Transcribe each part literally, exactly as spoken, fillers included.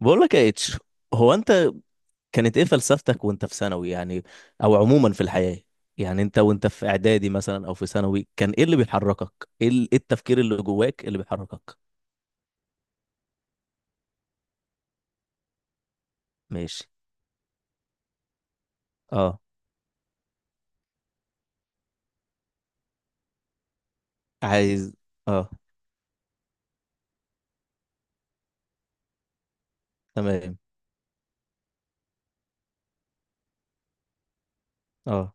بقول لك يا اتش. هو انت كانت ايه فلسفتك وانت في ثانوي، يعني؟ او عموما في الحياة؟ يعني انت وانت في اعدادي مثلا او في ثانوي، كان ايه اللي بيحركك؟ ايه ال- إيه التفكير اللي جواك اللي بيحركك؟ ماشي. اه. عايز. اه. تمام. اه.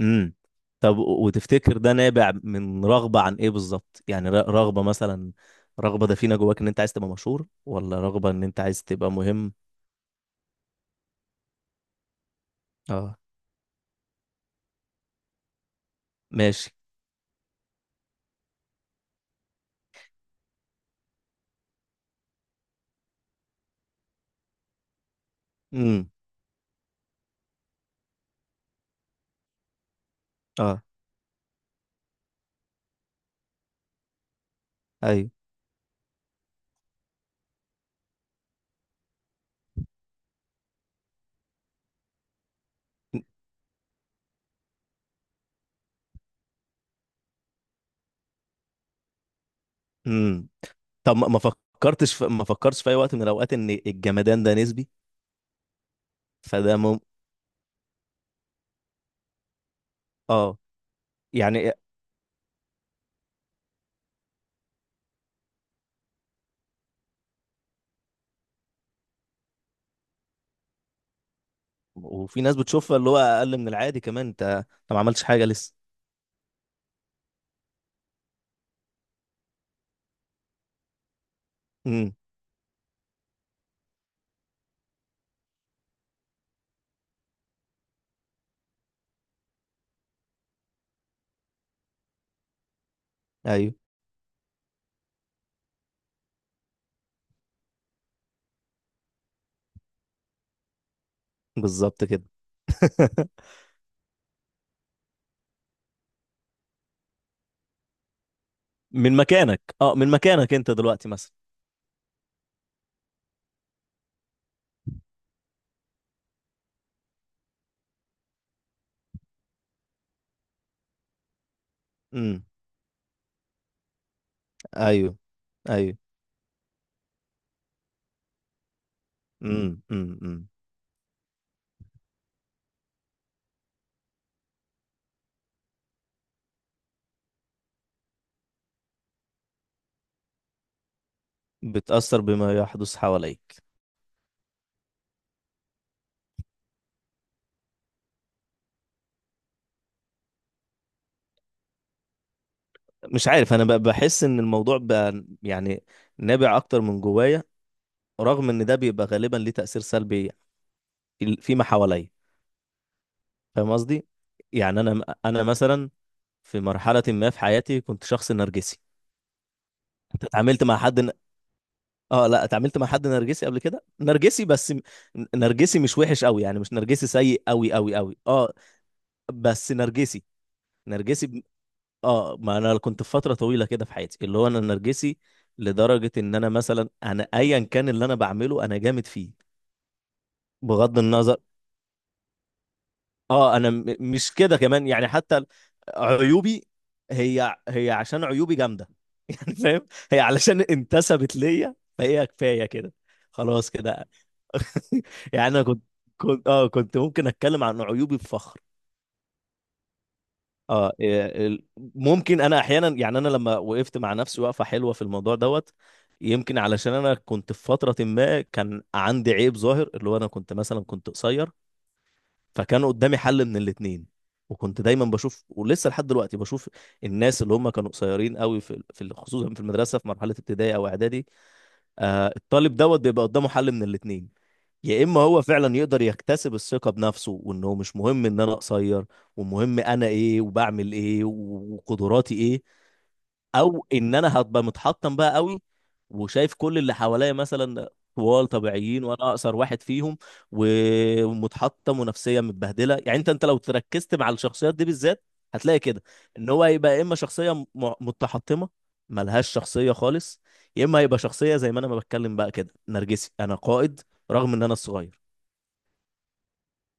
امم. طب، و- وتفتكر ده نابع من رغبة عن ايه بالظبط؟ يعني ر- رغبة مثلا، رغبة دفينة جواك ان انت عايز تبقى مشهور، ولا رغبة ان انت عايز تبقى مهم؟ اه. ماشي. امم. اه. ايوه. امم. طب، ما ما فكرتش في... ما فكرتش في اي وقت من الاوقات ان الجمدان ده نسبي؟ فده، مم... اه يعني. وفي ناس بتشوفها اللي هو اقل من العادي كمان. انت انت ما عملتش حاجه لسه. امم. ايوه، بالظبط كده. من مكانك اه من مكانك انت دلوقتي مثلا. امم. ايوه، ايوه. امم. امم. أمم. بتأثر بما يحدث حواليك. مش عارف، انا ب- بحس ان الموضوع بقى، يعني، نابع اكتر من جوايا، رغم ان ده بيبقى غالبا ليه تأثير سلبي في ما حواليا. فاهم قصدي؟ يعني انا انا مثلا، في مرحله ما في حياتي، كنت شخص نرجسي. انت اتعاملت مع حد ن... اه، لا. اتعاملت مع حد نرجسي قبل كده، نرجسي بس م- نرجسي مش وحش قوي، يعني مش نرجسي سيء قوي قوي قوي. اه. بس نرجسي. نرجسي. ب... اه، ما انا كنت في فتره طويله كده في حياتي، اللي هو انا نرجسي. لدرجه ان انا مثلا، انا ايا كان اللي انا بعمله انا جامد فيه، بغض النظر. اه، انا م- مش كده كمان، يعني حتى عيوبي، هي هي عشان عيوبي جامده. يعني، فاهم؟ هي علشان انتسبت ليا، فهي كفايه كده. خلاص كده. يعني انا كنت، كنت اه كنت ممكن اتكلم عن عيوبي بفخر. اه، إيه، ال- ممكن انا احيانا، يعني انا لما وقفت مع نفسي وقفه حلوه في الموضوع دوت، يمكن علشان انا كنت في فتره ما كان عندي عيب ظاهر، اللي هو انا كنت مثلا كنت قصير. فكان قدامي حل من الاتنين. وكنت دايما بشوف، ولسه لحد دلوقتي بشوف، الناس اللي هم كانوا قصيرين قوي في في ال- خصوصا في المدرسه، في مرحله ابتدائي او اعدادي. آه، الطالب دوت بيبقى قدامه حل من الاتنين. يا اما هو فعلا يقدر يكتسب الثقه بنفسه، وانه مش مهم ان انا قصير، ومهم انا ايه، وبعمل ايه، وقدراتي ايه. او ان انا هبقى متحطم بقى قوي، وشايف كل اللي حواليا مثلا طوال طبيعيين وانا اقصر واحد فيهم، و- ومتحطم ونفسيه متبهدله. يعني انت انت لو تركزت مع الشخصيات دي بالذات هتلاقي كده، ان هو هيبقى يا اما شخصيه م- متحطمه ملهاش شخصيه خالص، يا اما هيبقى شخصيه زي ما انا ما بتكلم بقى كده، نرجسي، انا قائد رغم ان انا الصغير.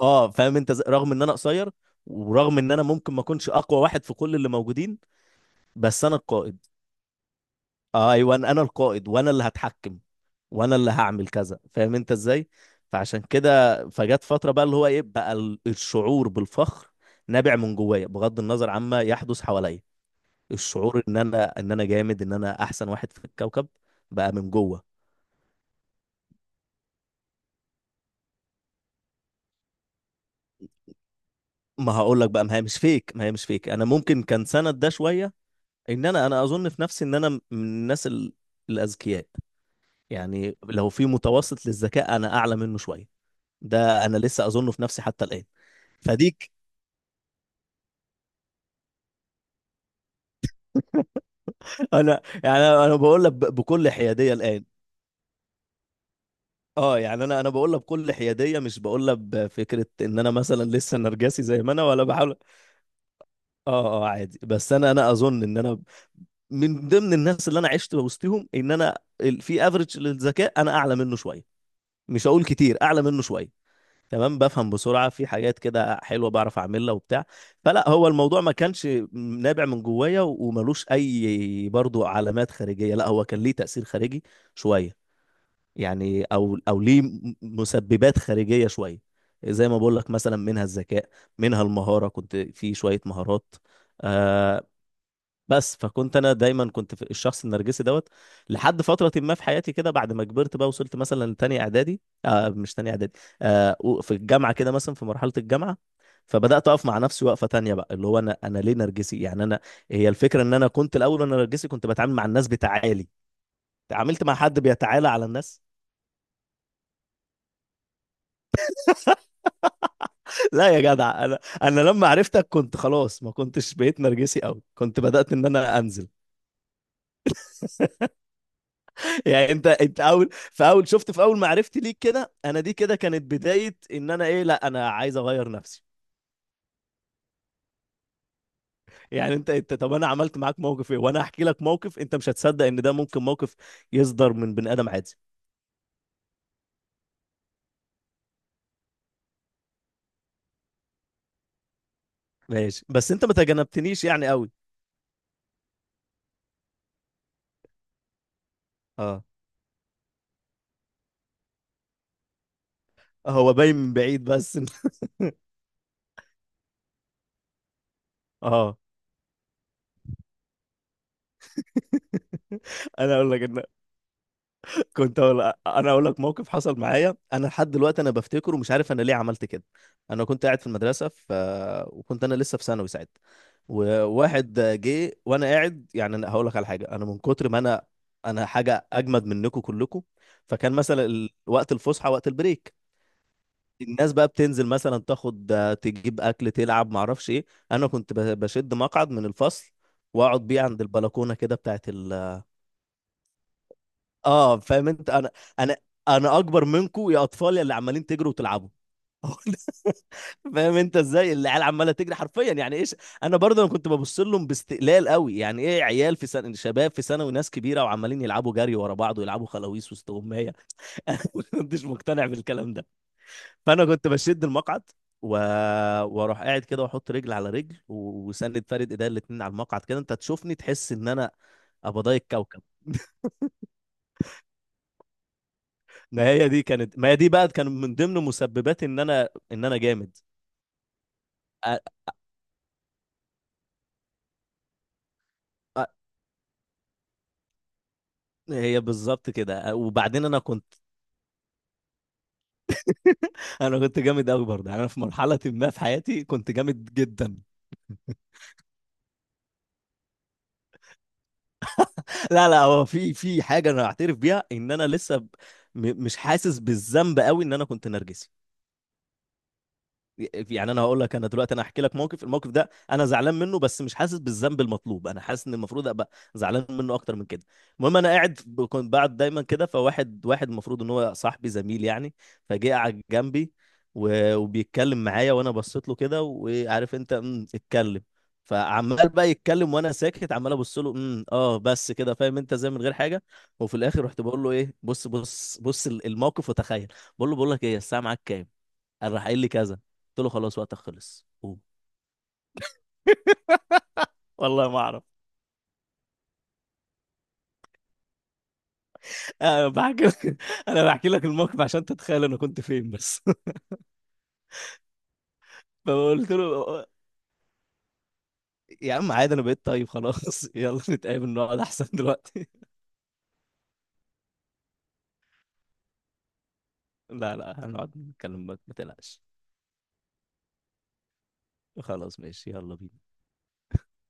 اه، فاهم انت؟ ز- رغم ان انا قصير، ورغم ان انا ممكن ما اكونش اقوى واحد في كل اللي موجودين، بس انا القائد. آه، ايوه. انا أنا القائد، وانا اللي هتحكم، وانا اللي هعمل كذا، فاهم انت ازاي؟ فعشان كده، فجت فتره بقى اللي هو ايه بقى، ال- الشعور بالفخر نابع من جوايا بغض النظر عما يحدث حواليا. الشعور ان انا ان انا جامد، ان انا احسن واحد في الكوكب، بقى من جوه. ما هقول لك بقى، ما هي مش فيك ما هي مش فيك. انا ممكن كان سند ده شويه، ان انا انا اظن في نفسي ان انا من الناس ال- الاذكياء. يعني لو في متوسط للذكاء، انا اعلى منه شويه. ده انا لسه اظنه في نفسي حتى الان. فديك. انا، يعني انا أنا بقول لك ب- بكل حياديه الان. اه، يعني انا انا بقول لك بكل حياديه، مش بقول لك بفكره ان انا مثلا لسه نرجسي زي ما انا ولا بحاول. اه، اه. عادي. بس انا انا اظن ان انا من ضمن الناس اللي انا عشت وسطهم، ان انا ال- في افريج للذكاء انا اعلى منه شويه. مش هقول كتير، اعلى منه شويه. تمام، بفهم بسرعه في حاجات كده حلوه، بعرف اعملها وبتاع. فلا، هو الموضوع ما كانش نابع من جوايا وملوش اي برضو علامات خارجيه، لا هو كان ليه تاثير خارجي شويه، يعني او او ليه م- مسببات خارجيه شويه. زي ما بقول لك، مثلا منها الذكاء، منها المهاره، كنت في شويه مهارات، آه. بس فكنت انا دايما كنت في الشخص النرجسي دوت، لحد فتره ما في حياتي كده، بعد ما كبرت بقى، وصلت مثلا لتانية اعدادي. آه، مش تانية اعدادي. آه، و- في الجامعه كده، مثلا في مرحله الجامعه، فبدات اقف مع نفسي وقفه تانية بقى، اللي هو انا انا ليه نرجسي يعني، انا هي الفكره ان انا كنت الاول وانا نرجسي كنت بتعامل مع الناس بتعالي. تعاملت مع حد بيتعالى على الناس؟ لا يا جدع، انا انا لما عرفتك كنت خلاص، ما كنتش بقيت نرجسي قوي، كنت بدأت ان انا انزل. يعني انت انت اول في اول شفت في اول ما عرفتي ليك كده، انا دي كده كانت بداية ان انا ايه، لا انا عايز اغير نفسي. يعني انت انت طب، انا عملت معاك موقف ايه، وانا هحكي لك موقف انت مش هتصدق ان ده ممكن موقف يصدر من بني ادم عادي. ماشي. بس انت ما تجنبتنيش يعني قوي. اه، هو باين من بعيد بس. إن- اه، انا اقول لك ان كنت أقول انا اقول لك موقف حصل معايا، انا لحد دلوقتي انا بفتكره، ومش عارف انا ليه عملت كده. انا كنت قاعد في المدرسه، ف... وكنت انا لسه في ثانوي ساعتها. وواحد جه وانا قاعد، يعني أنا هقول لك على حاجه، انا من كتر ما انا انا حاجه اجمد منكم كلكم. فكان مثلا ال- وقت الفسحه، وقت البريك. الناس بقى بتنزل، مثلا تاخد، تجيب اكل، تلعب، معرفش ايه. انا كنت ب- بشد مقعد من الفصل، واقعد بيه عند البلكونه كده بتاعت. اه، فاهم انت؟ انا انا انا اكبر منكم يا اطفال، يا اللي عمالين تجروا وتلعبوا. فاهم انت ازاي العيال عماله تجري حرفيا، يعني ايش. انا برضه، انا كنت ببص لهم باستقلال قوي، يعني ايه عيال في سنه، شباب في سنه، وناس كبيره، وعمالين يلعبوا جري ورا بعض، ويلعبوا خلاويص وسط اميه. انا ما كنتش مقتنع بالكلام ده. فانا كنت بشد المقعد و... واروح قاعد كده، واحط رجل على رجل، و- وسند فارد ايديا الاتنين على المقعد كده، انت تشوفني تحس ان انا ابضاي الكوكب. ما هي دي كانت ما هي دي بقى كان من ضمن مسببات ان انا ان انا جامد. أ... أ... هي بالظبط كده، وبعدين انا كنت. انا كنت جامد قوي برضه، يعني انا في مرحله ما في حياتي كنت جامد جدا. لا، لا، هو في في حاجه انا اعترف بيها، ان انا لسه ب... م... مش حاسس بالذنب قوي ان انا كنت نرجسي. يعني انا هقول لك، انا دلوقتي انا هحكي لك موقف، الموقف ده انا زعلان منه، بس مش حاسس بالذنب المطلوب، انا حاسس ان المفروض ابقى زعلان منه اكتر من كده. المهم، انا قاعد ب- كنت بقعد دايما كده، فواحد، واحد المفروض ان هو صاحبي، زميل يعني، فجه قعد جنبي و- وبيتكلم معايا، وانا بصيت له كده، وعارف انت؟ امم اتكلم. فعمال بقى يتكلم وانا ساكت، عمال ابص له، امم اه بس كده، فاهم انت، زي من غير حاجه. وفي الاخر رحت بقول له ايه، بص بص بص الموقف وتخيل. بقول له بقول لك ايه، الساعه معاك كام؟ قال راح قايل لي كذا، قلت له خلاص وقتك خلص، قوم. والله ما اعرف. انا بحكي لك. انا بحكي لك الموقف عشان تتخيل انا كنت فين بس. فقلت له يا عم عادي، انا بقيت طيب، خلاص. يلا نتقابل، نقعد احسن دلوقتي. لا، لا، هنقعد نتكلم بقى، ما تقلقش. خلاص، ماشي، يلا بينا.